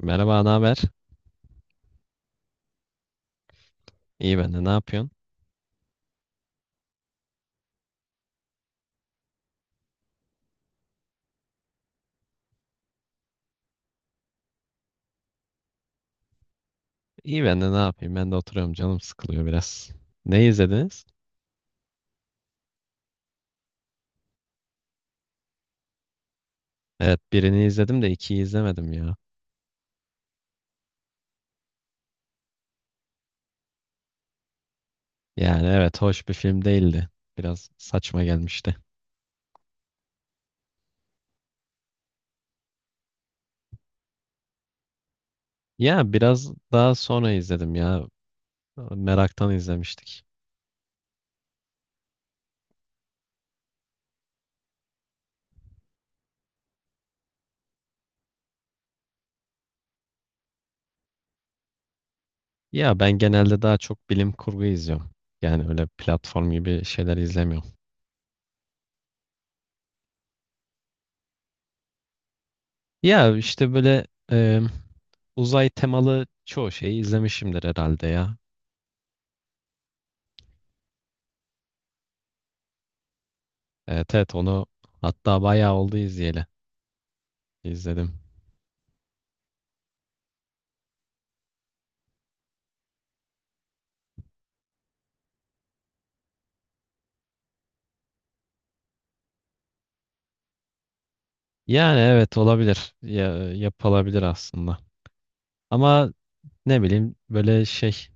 Merhaba, ne haber? İyi ben de ne yapıyorsun? İyi ben de ne yapayım? Ben de oturuyorum, canım sıkılıyor biraz. Ne izlediniz? Evet birini izledim de ikiyi izlemedim ya. Yani evet, hoş bir film değildi. Biraz saçma gelmişti. Ya biraz daha sonra izledim ya. Meraktan izlemiştik. Ya ben genelde daha çok bilim kurgu izliyorum. Yani öyle platform gibi şeyler izlemiyorum. Ya işte böyle e, uzay temalı çoğu şeyi izlemişimdir herhalde ya. Evet evet, onu hatta bayağı oldu izleyeli. İzledim. Yani evet olabilir. Ya, yapılabilir aslında. Ama ne bileyim böyle şey,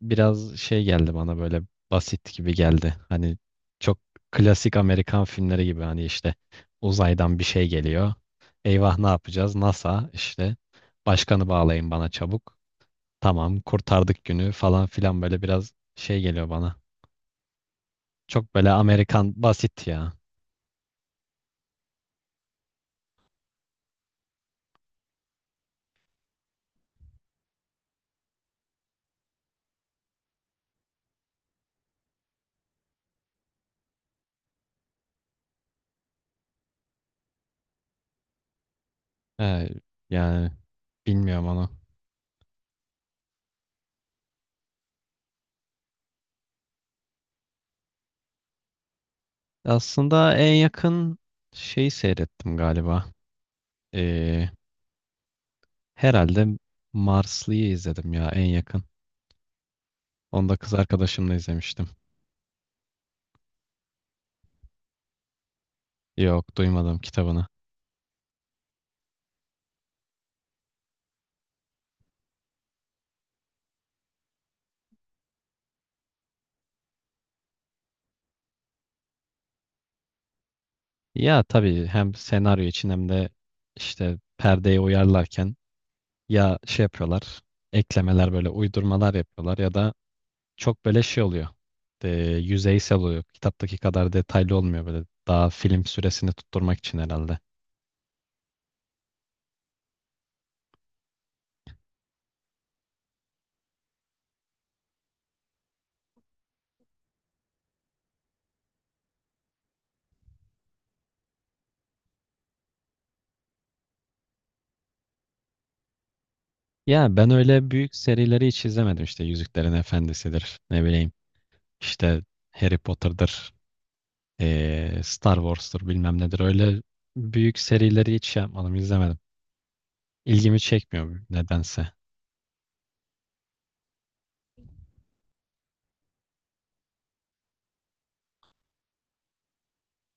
biraz şey geldi bana, böyle basit gibi geldi. Hani çok klasik Amerikan filmleri gibi, hani işte uzaydan bir şey geliyor. Eyvah, ne yapacağız? NASA işte, başkanı bağlayın bana çabuk. Tamam kurtardık günü falan filan, böyle biraz şey geliyor bana. Çok böyle Amerikan basit ya. Evet, yani bilmiyorum onu. Aslında en yakın şeyi seyrettim galiba. Ee, herhalde Marslı'yı izledim ya, en yakın. Onu da kız arkadaşımla izlemiştim. Yok, duymadım kitabını. Ya tabii, hem senaryo için hem de işte perdeye uyarlarken ya şey yapıyorlar, eklemeler, böyle uydurmalar yapıyorlar ya da çok böyle şey oluyor. e, Yüzeysel oluyor. Kitaptaki kadar detaylı olmuyor böyle. Daha film süresini tutturmak için herhalde. Ya ben öyle büyük serileri hiç izlemedim, işte Yüzüklerin Efendisi'dir, ne bileyim işte Harry Potter'dır, Star Wars'tur, bilmem nedir, öyle büyük serileri hiç şey yapmadım, izlemedim. İlgimi çekmiyor nedense.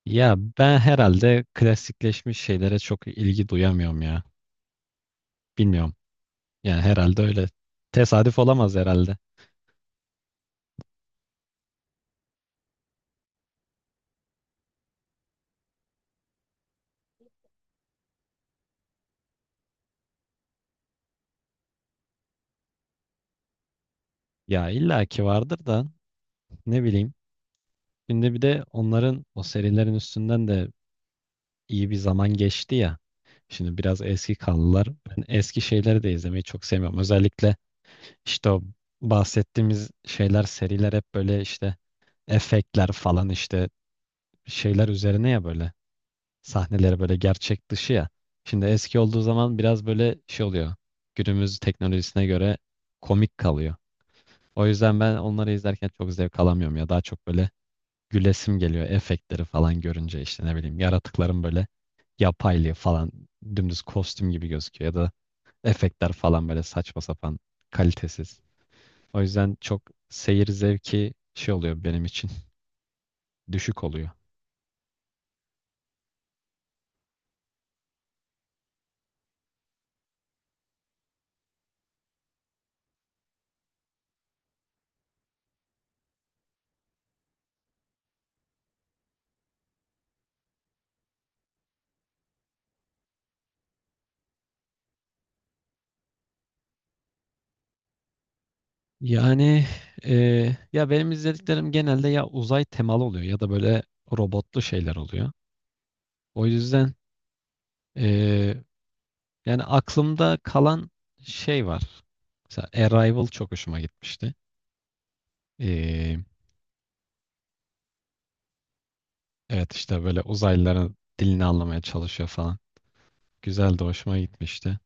Ya ben herhalde klasikleşmiş şeylere çok ilgi duyamıyorum ya. Bilmiyorum. Yani herhalde öyle. Tesadüf olamaz herhalde. Ya illaki vardır da, ne bileyim. Şimdi bir de onların, o serilerin üstünden de iyi bir zaman geçti ya. Şimdi biraz eski kaldılar. Ben eski şeyleri de izlemeyi çok sevmiyorum. Özellikle işte o bahsettiğimiz şeyler, seriler hep böyle işte efektler falan, işte şeyler üzerine ya, böyle. Sahneleri böyle gerçek dışı ya. Şimdi eski olduğu zaman biraz böyle şey oluyor, günümüz teknolojisine göre komik kalıyor. O yüzden ben onları izlerken çok zevk alamıyorum ya. Daha çok böyle gülesim geliyor efektleri falan görünce, işte ne bileyim, yaratıkların böyle yapaylığı falan, dümdüz kostüm gibi gözüküyor ya da efektler falan böyle saçma sapan, kalitesiz. O yüzden çok seyir zevki şey oluyor benim için, düşük oluyor. Yani ya benim izlediklerim genelde ya uzay temalı oluyor ya da böyle robotlu şeyler oluyor. O yüzden eee, yani aklımda kalan şey var. Mesela Arrival çok hoşuma gitmişti. Eee, evet işte böyle uzaylıların dilini anlamaya çalışıyor falan. Güzel, de hoşuma gitmişti.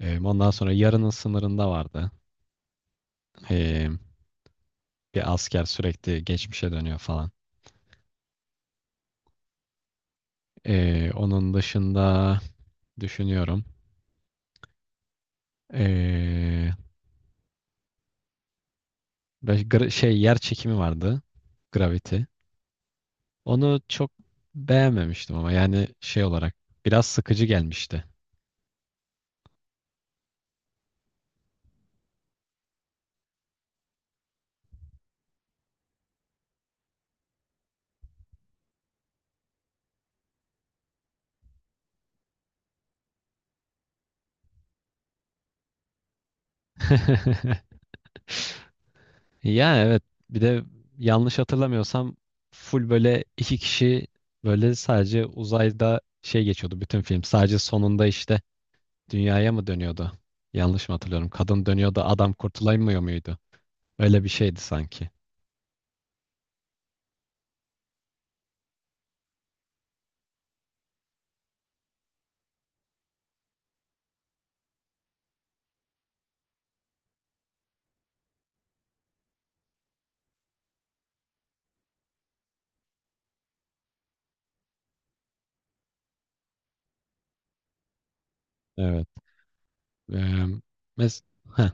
Ondan sonra Yarının Sınırında vardı. Eee, bir asker sürekli geçmişe dönüyor falan. Onun dışında düşünüyorum. Eee, Böyle şey, yer çekimi vardı. Gravity. Onu çok beğenmemiştim, ama yani şey olarak biraz sıkıcı gelmişti. Ya evet, bir de yanlış hatırlamıyorsam full böyle iki kişi, böyle sadece uzayda şey geçiyordu bütün film. Sadece sonunda işte Dünyaya mı dönüyordu? Yanlış mı hatırlıyorum? Kadın dönüyordu, adam kurtulamıyor muydu? Öyle bir şeydi sanki. Evet. Eee mes Heh,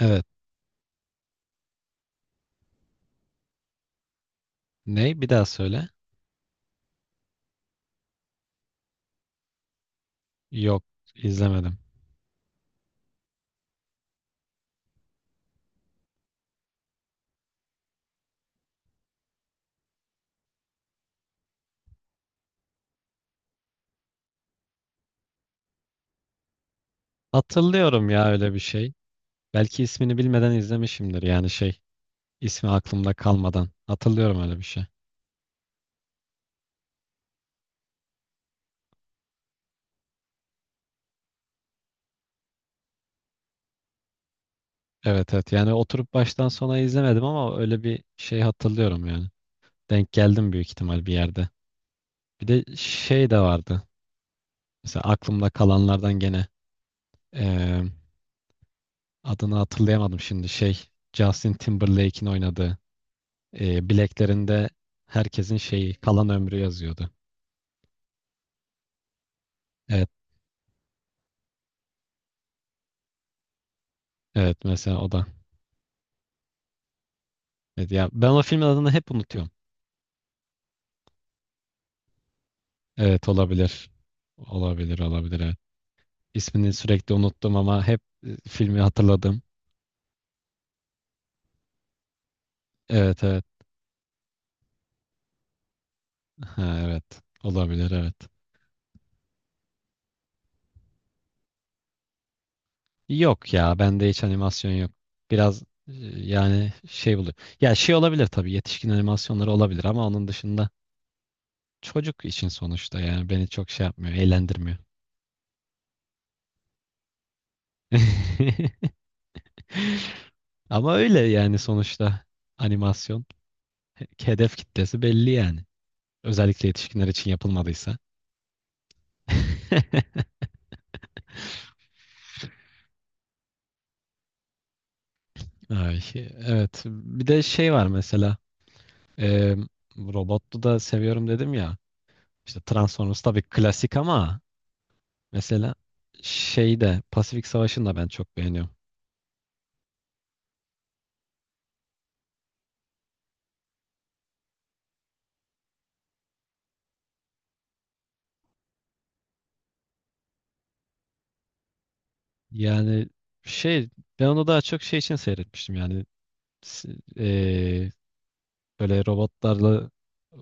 evet. Ne? Bir daha söyle. Yok, izlemedim. Hatırlıyorum ya, öyle bir şey. Belki ismini bilmeden izlemişimdir yani şey, ismi aklımda kalmadan. Hatırlıyorum öyle bir şey. Evet evet. Yani oturup baştan sona izlemedim ama öyle bir şey hatırlıyorum yani. Denk geldim büyük ihtimal bir yerde. Bir de şey de vardı. Mesela aklımda kalanlardan gene. Adını hatırlayamadım şimdi şey. Justin Timberlake'in oynadığı. Bileklerinde herkesin şeyi, kalan ömrü yazıyordu. Evet, evet mesela o da. Evet, ya ben o filmin adını hep unutuyorum. Evet, olabilir. Olabilir olabilir, evet. İsmini sürekli unuttum ama hep filmi hatırladım. Evet evet. Ha, evet. Olabilir, evet. Yok ya, bende hiç animasyon yok. Biraz yani şey buluyor. Ya şey olabilir tabii, yetişkin animasyonları olabilir ama onun dışında çocuk için sonuçta, yani beni çok şey yapmıyor, eğlendirmiyor. Ama öyle yani, sonuçta animasyon hedef kitlesi belli yani. Özellikle yetişkinler için yapılmadıysa. Ay, evet. Bir de şey var mesela. E, robotlu da seviyorum dedim ya. İşte Transformers tabii klasik, ama mesela şey de, Pasifik Savaşı'nı da ben çok beğeniyorum. Yani şey, ben onu daha çok şey için seyretmiştim yani, s- böyle robotlarla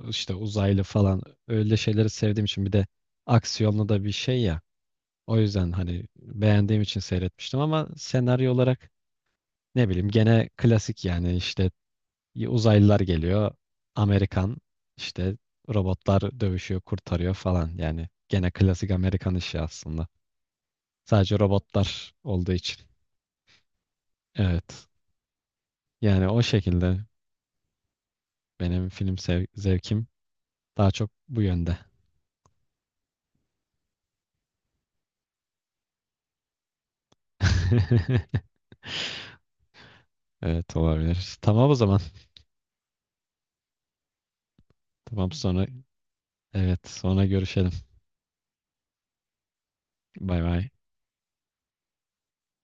işte uzaylı falan, öyle şeyleri sevdiğim için, bir de aksiyonlu da bir şey ya. O yüzden hani beğendiğim için seyretmiştim, ama senaryo olarak ne bileyim gene klasik, yani işte uzaylılar geliyor. Amerikan, işte robotlar dövüşüyor, kurtarıyor falan. Yani gene klasik Amerikan işi aslında. Sadece robotlar olduğu için. Evet. Yani o şekilde benim film zevkim daha çok bu yönde. Evet, olabilir. Tamam o zaman. Tamam sonra, evet sonra görüşelim. Bay bay.